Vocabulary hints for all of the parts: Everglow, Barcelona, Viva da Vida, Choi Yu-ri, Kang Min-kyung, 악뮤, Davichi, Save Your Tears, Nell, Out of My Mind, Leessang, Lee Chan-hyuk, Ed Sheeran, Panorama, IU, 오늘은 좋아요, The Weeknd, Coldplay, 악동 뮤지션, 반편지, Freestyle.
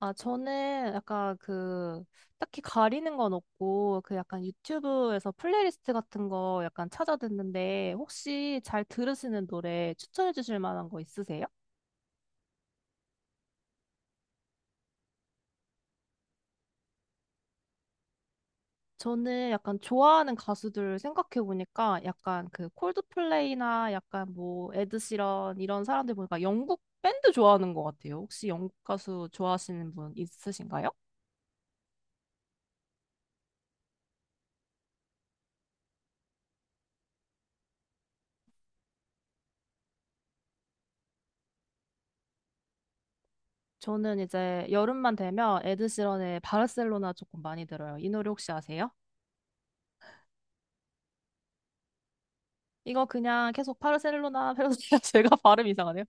아, 저는 약간 그, 딱히 가리는 건 없고, 그 약간 유튜브에서 플레이리스트 같은 거 약간 찾아 듣는데, 혹시 잘 들으시는 노래 추천해 주실 만한 거 있으세요? 저는 약간 좋아하는 가수들 생각해 보니까, 약간 그 콜드플레이나 약간 에드시런 이런 사람들 보니까 영국 밴드 좋아하는 것 같아요. 혹시 영국 가수 좋아하시는 분 있으신가요? 저는 이제 여름만 되면 에드시런의 바르셀로나 조금 많이 들어요. 이 노래 혹시 아세요? 이거 그냥 계속 바르셀로나, 페르소나 제가 발음 이상하네요.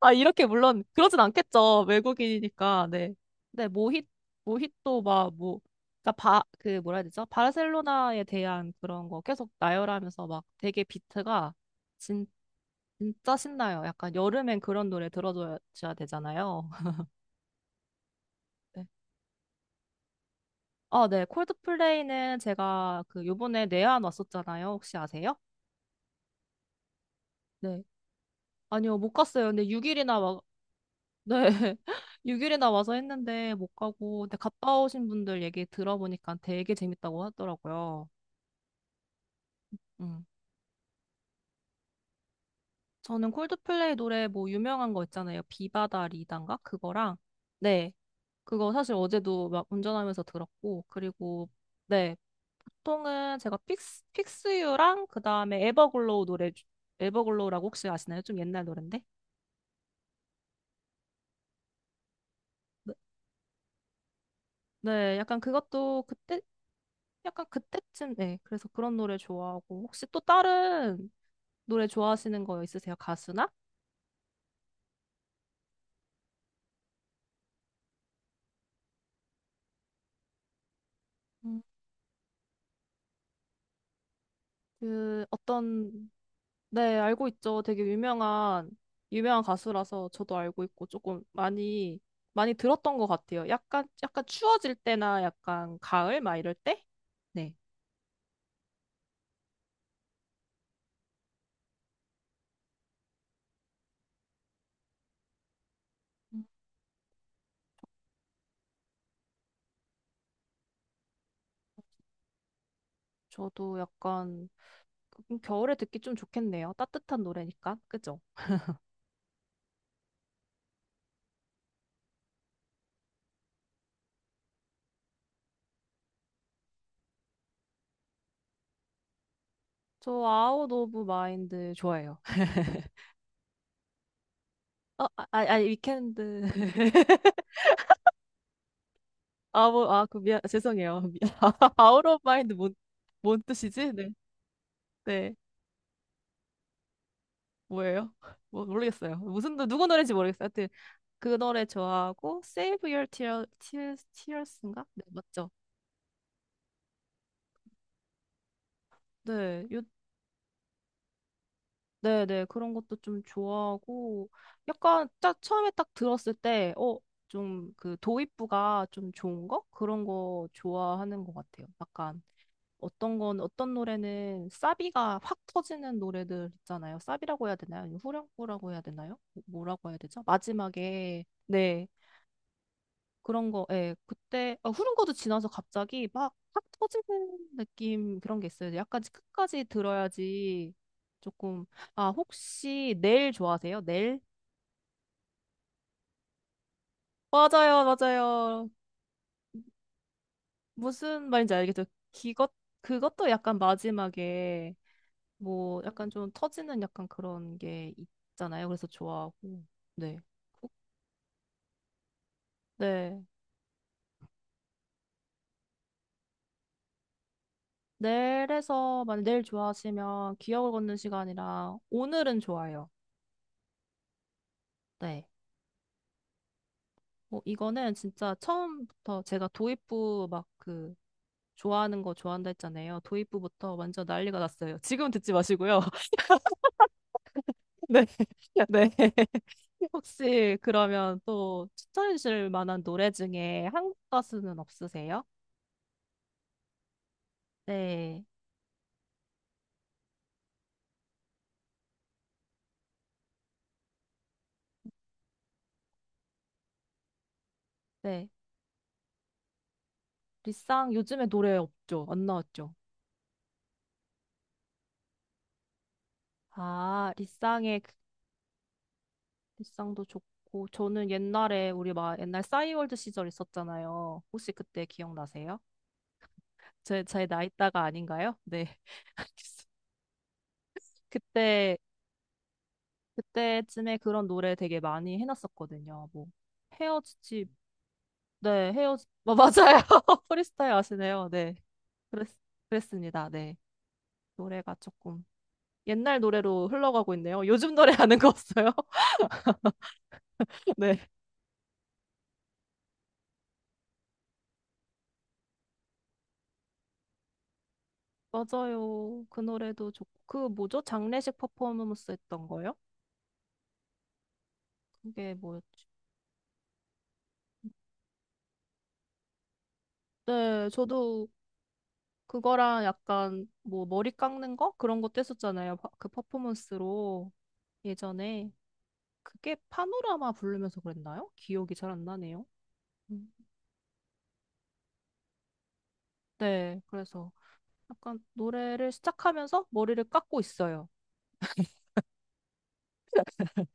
아, 이렇게 물론 그러진 않겠죠. 외국인이니까. 네. 네, 모히또 막 그러니까 그 뭐라 해야 되죠? 바르셀로나에 대한 그런 거 계속 나열하면서 막 되게 비트가 진, 진짜 신나요. 약간 여름엔 그런 노래 들어줘야 되잖아요. 네. 아, 네. 콜드플레이는 제가 그 요번에 내한 왔었잖아요. 혹시 아세요? 네. 아니요, 못 갔어요. 근데 6일이나 네. 6일이나 와서 했는데 못 가고, 근데 갔다 오신 분들 얘기 들어보니까 되게 재밌다고 하더라고요. 음. 저는 콜드플레이 노래 뭐 유명한 거 있잖아요. 비바다 리단가? 그거랑, 네. 그거 사실 어제도 막 운전하면서 들었고, 그리고, 네. 보통은 제가 픽스유랑 그 다음에 에버글로우 노래, 에버글로우라고 혹시 아시나요? 좀 옛날 노랜데? 네, 네, 약간 그것도 그때, 약간 그때쯤, 네. 그래서 그런 노래 좋아하고, 혹시 또 다른 노래 좋아하시는 거 있으세요? 가수나? 음. 그 어떤 네, 알고 있죠. 되게 유명한 가수라서 저도 알고 있고 조금 많이 많이 들었던 것 같아요. 약간 추워질 때나 약간 가을 막 이럴 때? 네. 음. 저도 약간 겨울에 듣기 좀 좋겠네요. 따뜻한 노래니까. 그죠? 저 아웃 오브 마인드 좋아해요. 아니 위켄드. 아, 그 죄송해요. 아웃 오브 마인드 뭔 뜻이지? 네. 네. 뭐예요? 모르겠어요. 누구 노래인지 모르겠어요. 하여튼, 그 노래 좋아하고, Save Your Tears, Tears인가? 네, 맞죠? 네, 요, 네, 네. 그런 것도 좀 좋아하고, 약간, 딱, 처음에 딱 들었을 때, 좀, 그, 도입부가 좀 좋은 거? 그런 거 좋아하는 것 같아요. 약간, 어떤 노래는, 사비가 확 터지는 노래들 있잖아요. 사비라고 해야 되나요? 아니면 후렴구라고 해야 되나요? 뭐라고 해야 되죠? 마지막에, 네. 그런 거, 예, 그때, 후른거도 지나서 갑자기 막, 확 터지는 느낌, 그런 게 있어요. 약간 끝까지 들어야지 조금, 아, 혹시 넬 좋아하세요? 넬? 맞아요, 맞아요. 무슨 말인지 알겠죠? 기것, 그것도 약간 마지막에, 뭐, 약간 좀 터지는 약간 그런 게 있잖아요. 그래서 좋아하고, 네. 네, 네. 일에서 만약 네일 좋아하시면, 기억을 걷는 시간이랑, 오늘은 좋아요. 네. 어, 이거는 진짜 처음부터 제가 도입부 막 그 좋아하는 거 좋아한다 했잖아요. 도입부부터 완전 난리가 났어요. 지금 듣지 마시고요. 네. 네. 혹시 그러면 또 추천해 주실 만한 노래 중에 한국 가수는 없으세요? 네. 네. 리쌍 요즘에 노래 없죠? 안 나왔죠? 아, 리쌍도 좋고 저는 옛날에 우리 막 옛날 싸이월드 시절 있었잖아요. 혹시 그때 기억나세요? 제 나이대가 아닌가요? 네. 알겠습니다. 그때, 그때쯤에 그런 노래 되게 많이 해놨었거든요. 헤어지지, 네, 맞아요. 프리스타일 아시네요. 네. 그랬, 그랬습니다. 네. 노래가 조금 옛날 노래로 흘러가고 있네요. 요즘 노래 아는 거 없어요? 네. 맞아요. 그 노래도 좋고, 그 뭐죠? 장례식 퍼포먼스 했던 거요? 그게 뭐였지? 네, 저도 그거랑 약간 뭐 머리 깎는 거? 그런 것도 했었잖아요. 그 퍼포먼스로 예전에 그게 파노라마 부르면서 그랬나요? 기억이 잘 안 나네요. 음. 네, 그래서 약간 노래를 시작하면서 머리를 깎고 있어요.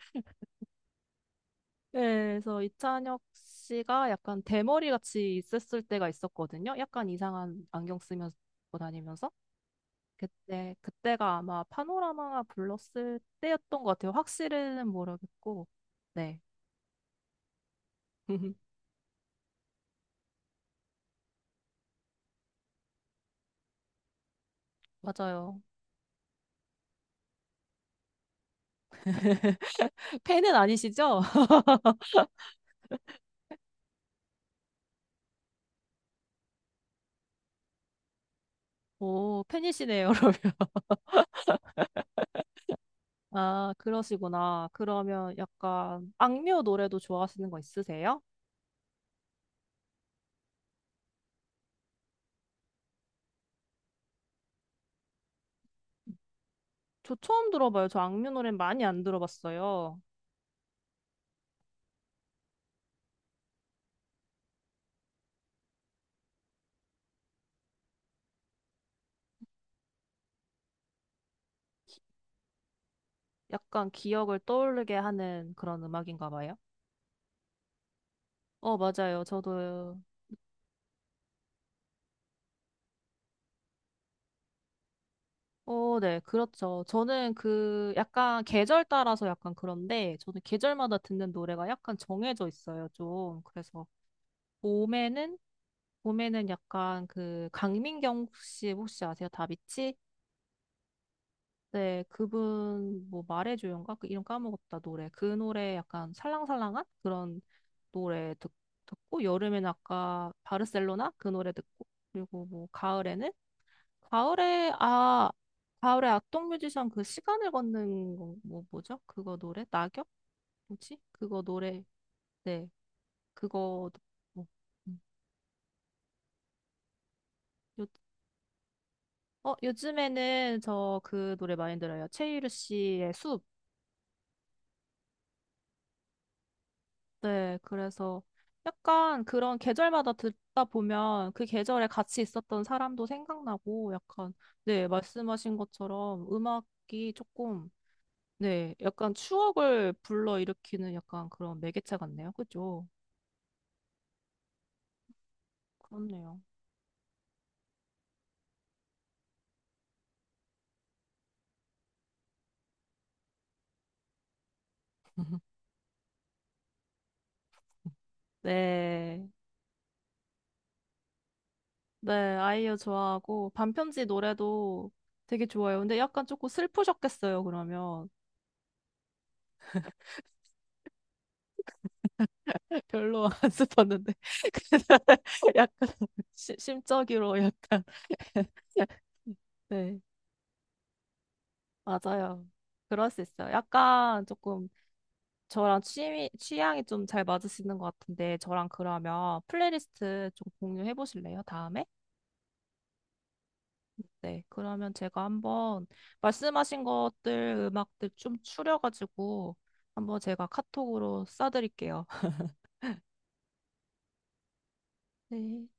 네, 그래서 이찬혁 씨가 약간 대머리 같이 있었을 때가 있었거든요. 약간 이상한 안경 쓰면서 다니면서. 그때가 아마 파노라마가 불렀을 때였던 것 같아요. 확실히는 모르겠고. 네. 맞아요. 팬은 아니시죠? 오, 팬이시네요, 그러면. 아, 그러시구나. 그러면 약간 악뮤 노래도 좋아하시는 거 있으세요? 저 처음 들어봐요. 저 악뮤 노래 많이 안 들어봤어요. 기- 약간 기억을 떠오르게 하는 그런 음악인가 봐요. 어, 맞아요. 저도, 어, 네, 그렇죠. 저는 그 약간 계절 따라서 약간 그런데 저는 계절마다 듣는 노래가 약간 정해져 있어요, 좀. 그래서 봄에는 약간 그 강민경 씨 혹시 아세요? 다비치? 네, 그분 뭐 말해줘요인가? 그 이름 까먹었다 노래. 그 노래 약간 살랑살랑한 그런 노래 듣고 여름엔 아까 바르셀로나 그 노래 듣고 그리고 뭐 가을에는 가을에 아 가을에 악동 뮤지션 그 시간을 걷는 거, 뭐 뭐죠? 그거 노래 낙엽? 뭐지? 그거 노래 네 그거 듣고 음. 요- 요즘에는 저 그 노래 많이 들어요. 최유리 씨의 숲. 네, 그래서 약간 그런 계절마다 듣다 보면 그 계절에 같이 있었던 사람도 생각나고 약간, 네, 말씀하신 것처럼 음악이 조금, 네, 약간 추억을 불러일으키는 약간 그런 매개체 같네요. 그죠? 그렇네요. 네, 네, 아이유 좋아하고 반편지 노래도 되게 좋아요. 근데 약간 조금 슬프셨겠어요, 그러면. 별로 안 슬펐는데 그날 약간 심적으로 약간 네 맞아요 그럴 수 있어요 약간 조금 저랑 취미 취향이 좀 잘 맞으시는 것 같은데 저랑 그러면 플레이리스트 좀 공유해 보실래요 다음에 네 그러면 제가 한번 말씀하신 것들 음악들 좀 추려가지고 한번 제가 카톡으로 쏴드릴게요 네.